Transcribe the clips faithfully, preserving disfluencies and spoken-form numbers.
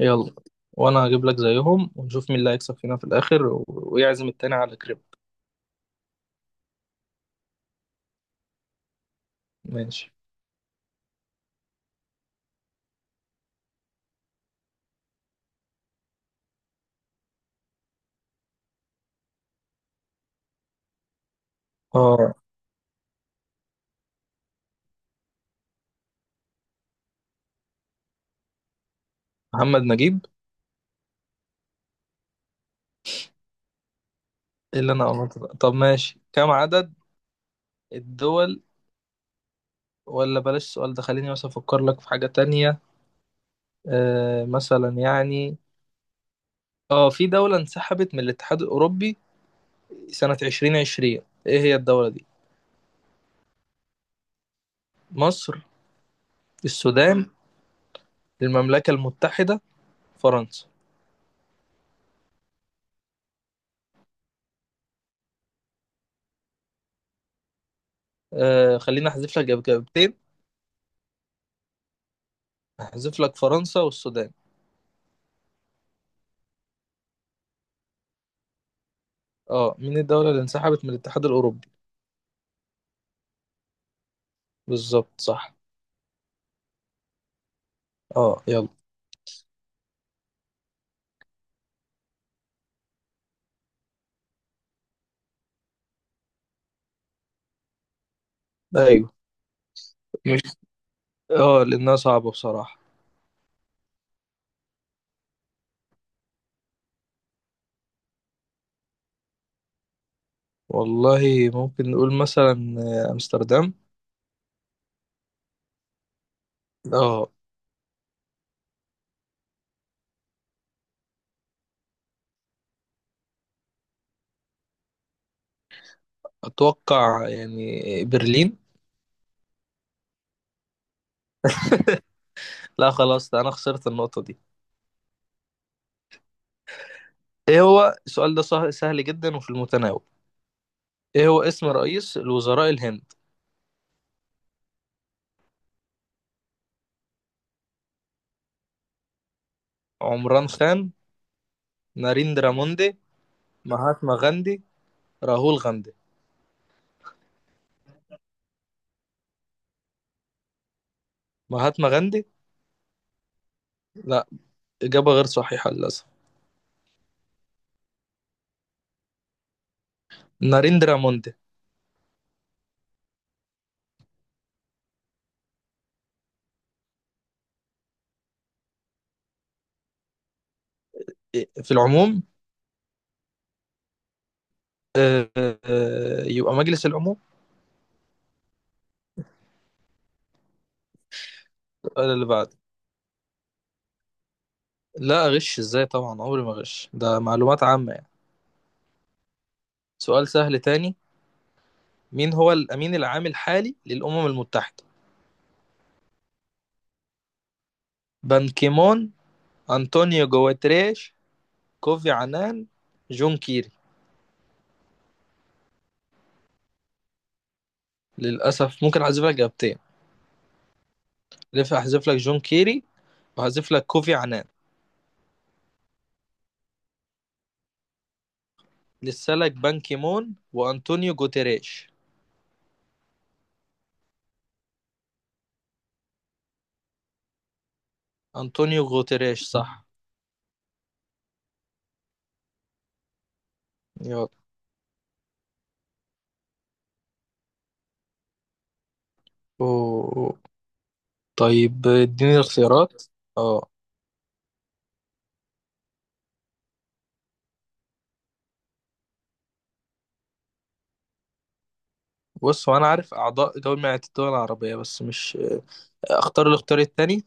يلا. وانا هجيب لك زيهم، ونشوف مين اللي هيكسب فينا في الاخر و- ويعزم التاني على كريب. ماشي. اه، محمد نجيب. إيه اللي انا قلت ده؟ طب ماشي، كم عدد الدول؟ ولا بلاش السؤال ده، خليني بس افكر لك في حاجة تانية. آه، مثلا يعني، اه، في دولة انسحبت من الاتحاد الاوروبي سنة ألفين وعشرين، ايه هي الدولة دي؟ مصر، السودان، المملكة المتحدة، فرنسا. آه، خليني احذف لك إجابتين. احذف لك فرنسا والسودان. اه، مين الدولة اللي انسحبت من الاتحاد الأوروبي؟ بالظبط، صح. اه، يلا. أيوه. مش، اه، لأنها صعبة بصراحة. والله ممكن نقول مثلا، آه، أمستردام. اه. أتوقع يعني برلين. لا خلاص، ده أنا خسرت النقطة دي. إيه هو السؤال ده سه- سهل جدا وفي المتناول. إيه هو اسم رئيس الوزراء الهند؟ عمران خان، ناريندرا موندي، مهاتما غاندي، راهول غاندي. مهاتما غاندي. لا، إجابة غير صحيحة للأسف. ناريندرا موندي. في العموم. آه، آه، يبقى مجلس العموم. السؤال اللي بعده. لا، أغش إزاي؟ طبعا عمري ما أغش، ده معلومات عامة يعني. سؤال سهل تاني. مين هو الأمين العام الحالي للأمم المتحدة؟ بان كيمون، أنطونيو جواتريش، كوفي عنان، جون كيري. للأسف. ممكن أحذف لك إجابتين. لف أحذف لك جون كيري، وأحذف لك كوفي عنان. لسه لك بان كيمون وأنطونيو جوتريش. أنطونيو جوتريش صح. يلا. أوه. طيب اديني الاختيارات. اه، بص هو انا عارف اعضاء جامعة الدول العربية بس مش. اختار الاختيار التاني.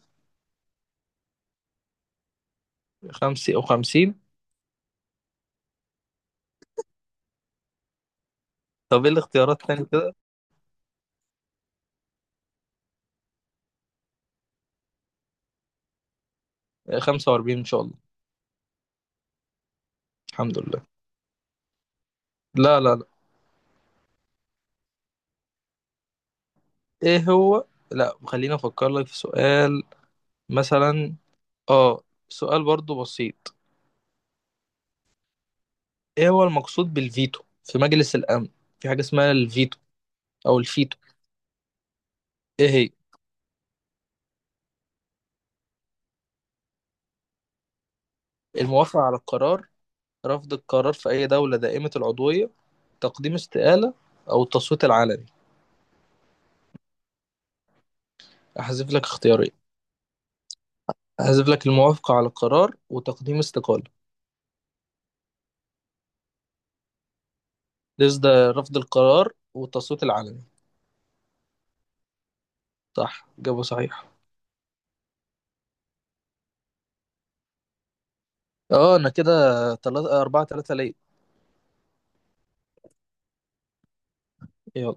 خمسة وخمسين. طب ايه الاختيارات التاني كده؟ خمسة واربعين ان شاء الله. الحمد لله. لا لا لا. ايه هو؟ لا خليني افكر لك في سؤال، مثلا، اه، سؤال برضو بسيط. ايه هو المقصود بالفيتو في مجلس الامن؟ في حاجة اسمها الفيتو او الفيتو، ايه هي؟ الموافقة على القرار، رفض القرار في اي دولة دائمة العضوية، تقديم استقالة، او التصويت العلني. احذف لك اختيارين. أحذف لك الموافقة على القرار وتقديم استقالة. ليس ده، رفض القرار والتصويت العلني. صح، جابه صحيح. اه انا كده تلاتة، أربعة تلاتة ليا. يلا.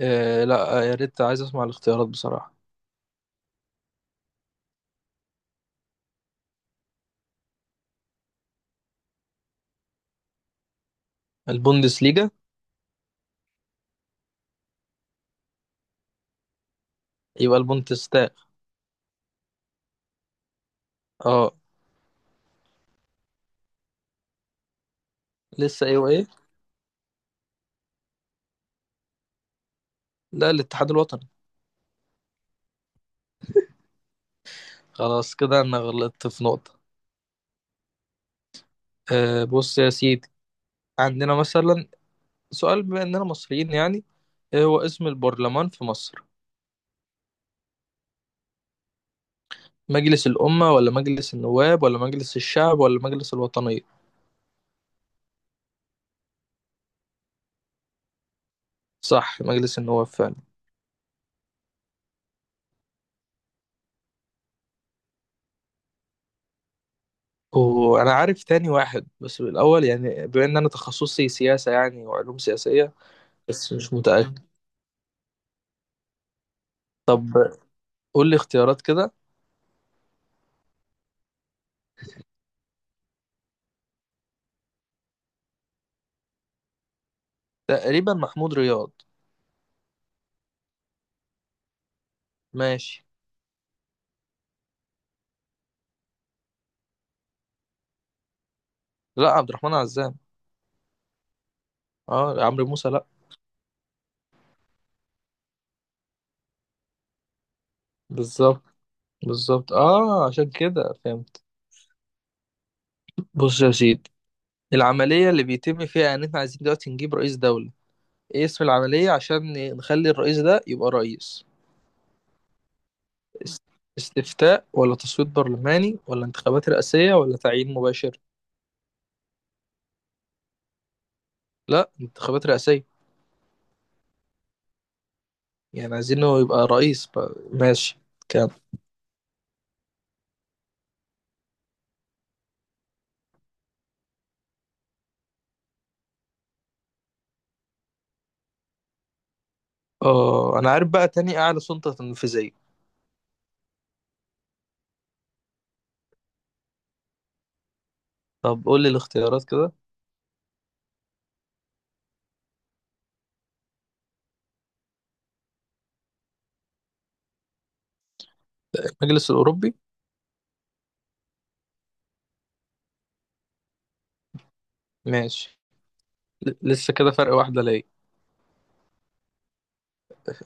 آه لا، آه، يا ريت عايز اسمع الاختيارات بصراحة. البوندسليجا. يبقى البوندستاغ. اه. لسه ايه وايه؟ لا، الاتحاد الوطني. خلاص كده انا غلطت في نقطة. آه بص يا سيدي، عندنا مثلا سؤال، بما اننا مصريين يعني، ايه هو اسم البرلمان في مصر؟ مجلس الأمة ولا مجلس النواب ولا مجلس الشعب ولا مجلس الوطنية؟ صح، مجلس النواب فعلا. وأنا عارف تاني واحد بس بالأول، يعني بما إن أنا تخصصي سياسة يعني وعلوم سياسية، بس مش متأكد. طب قول لي اختيارات كده. تقريبا محمود رياض. ماشي. لا، عبد الرحمن عزام. اه، عمرو موسى لا. بالظبط، بالظبط، اه، عشان كده فهمت. بص يا سيدي، العملية اللي بيتم فيها ان احنا عايزين دلوقتي نجيب رئيس دولة، ايه اسم العملية عشان نخلي الرئيس ده يبقى رئيس؟ است- استفتاء ولا تصويت برلماني ولا انتخابات رئاسية ولا تعيين مباشر؟ لا، انتخابات رئاسية. يعني عايزينه يبقى رئيس بقى. ماشي. كام؟ اه انا عارف بقى تاني اعلى سلطة تنفيذية. طب قول لي الاختيارات كده. المجلس الأوروبي. ماشي. ل- لسه كده فرق واحدة ليا.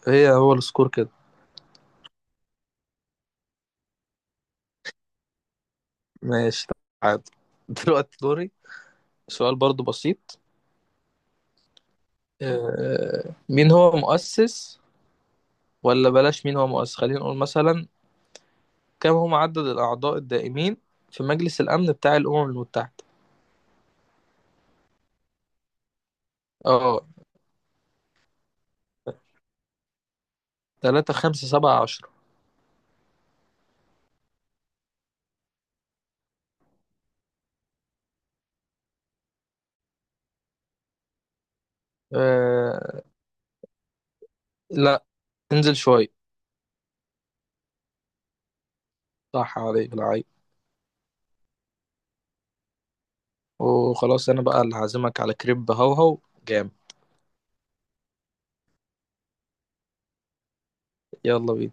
هي هو السكور كده. ماشي، تعادل. دلوقتي دوري. سؤال برضو بسيط. آه، مين هو مؤسس، ولا بلاش مين هو مؤسس، خلينا نقول مثلا، كم هو عدد الأعضاء الدائمين في مجلس الأمن بتاع الأمم المتحدة؟ اه، تلاتة، خمسة، سبعة، عشرة. آه. لا، انزل شوية. صح، عليك العيب. وخلاص، أنا بقى اللي هعزمك على كريب. هوهو جامد. يلا بينا.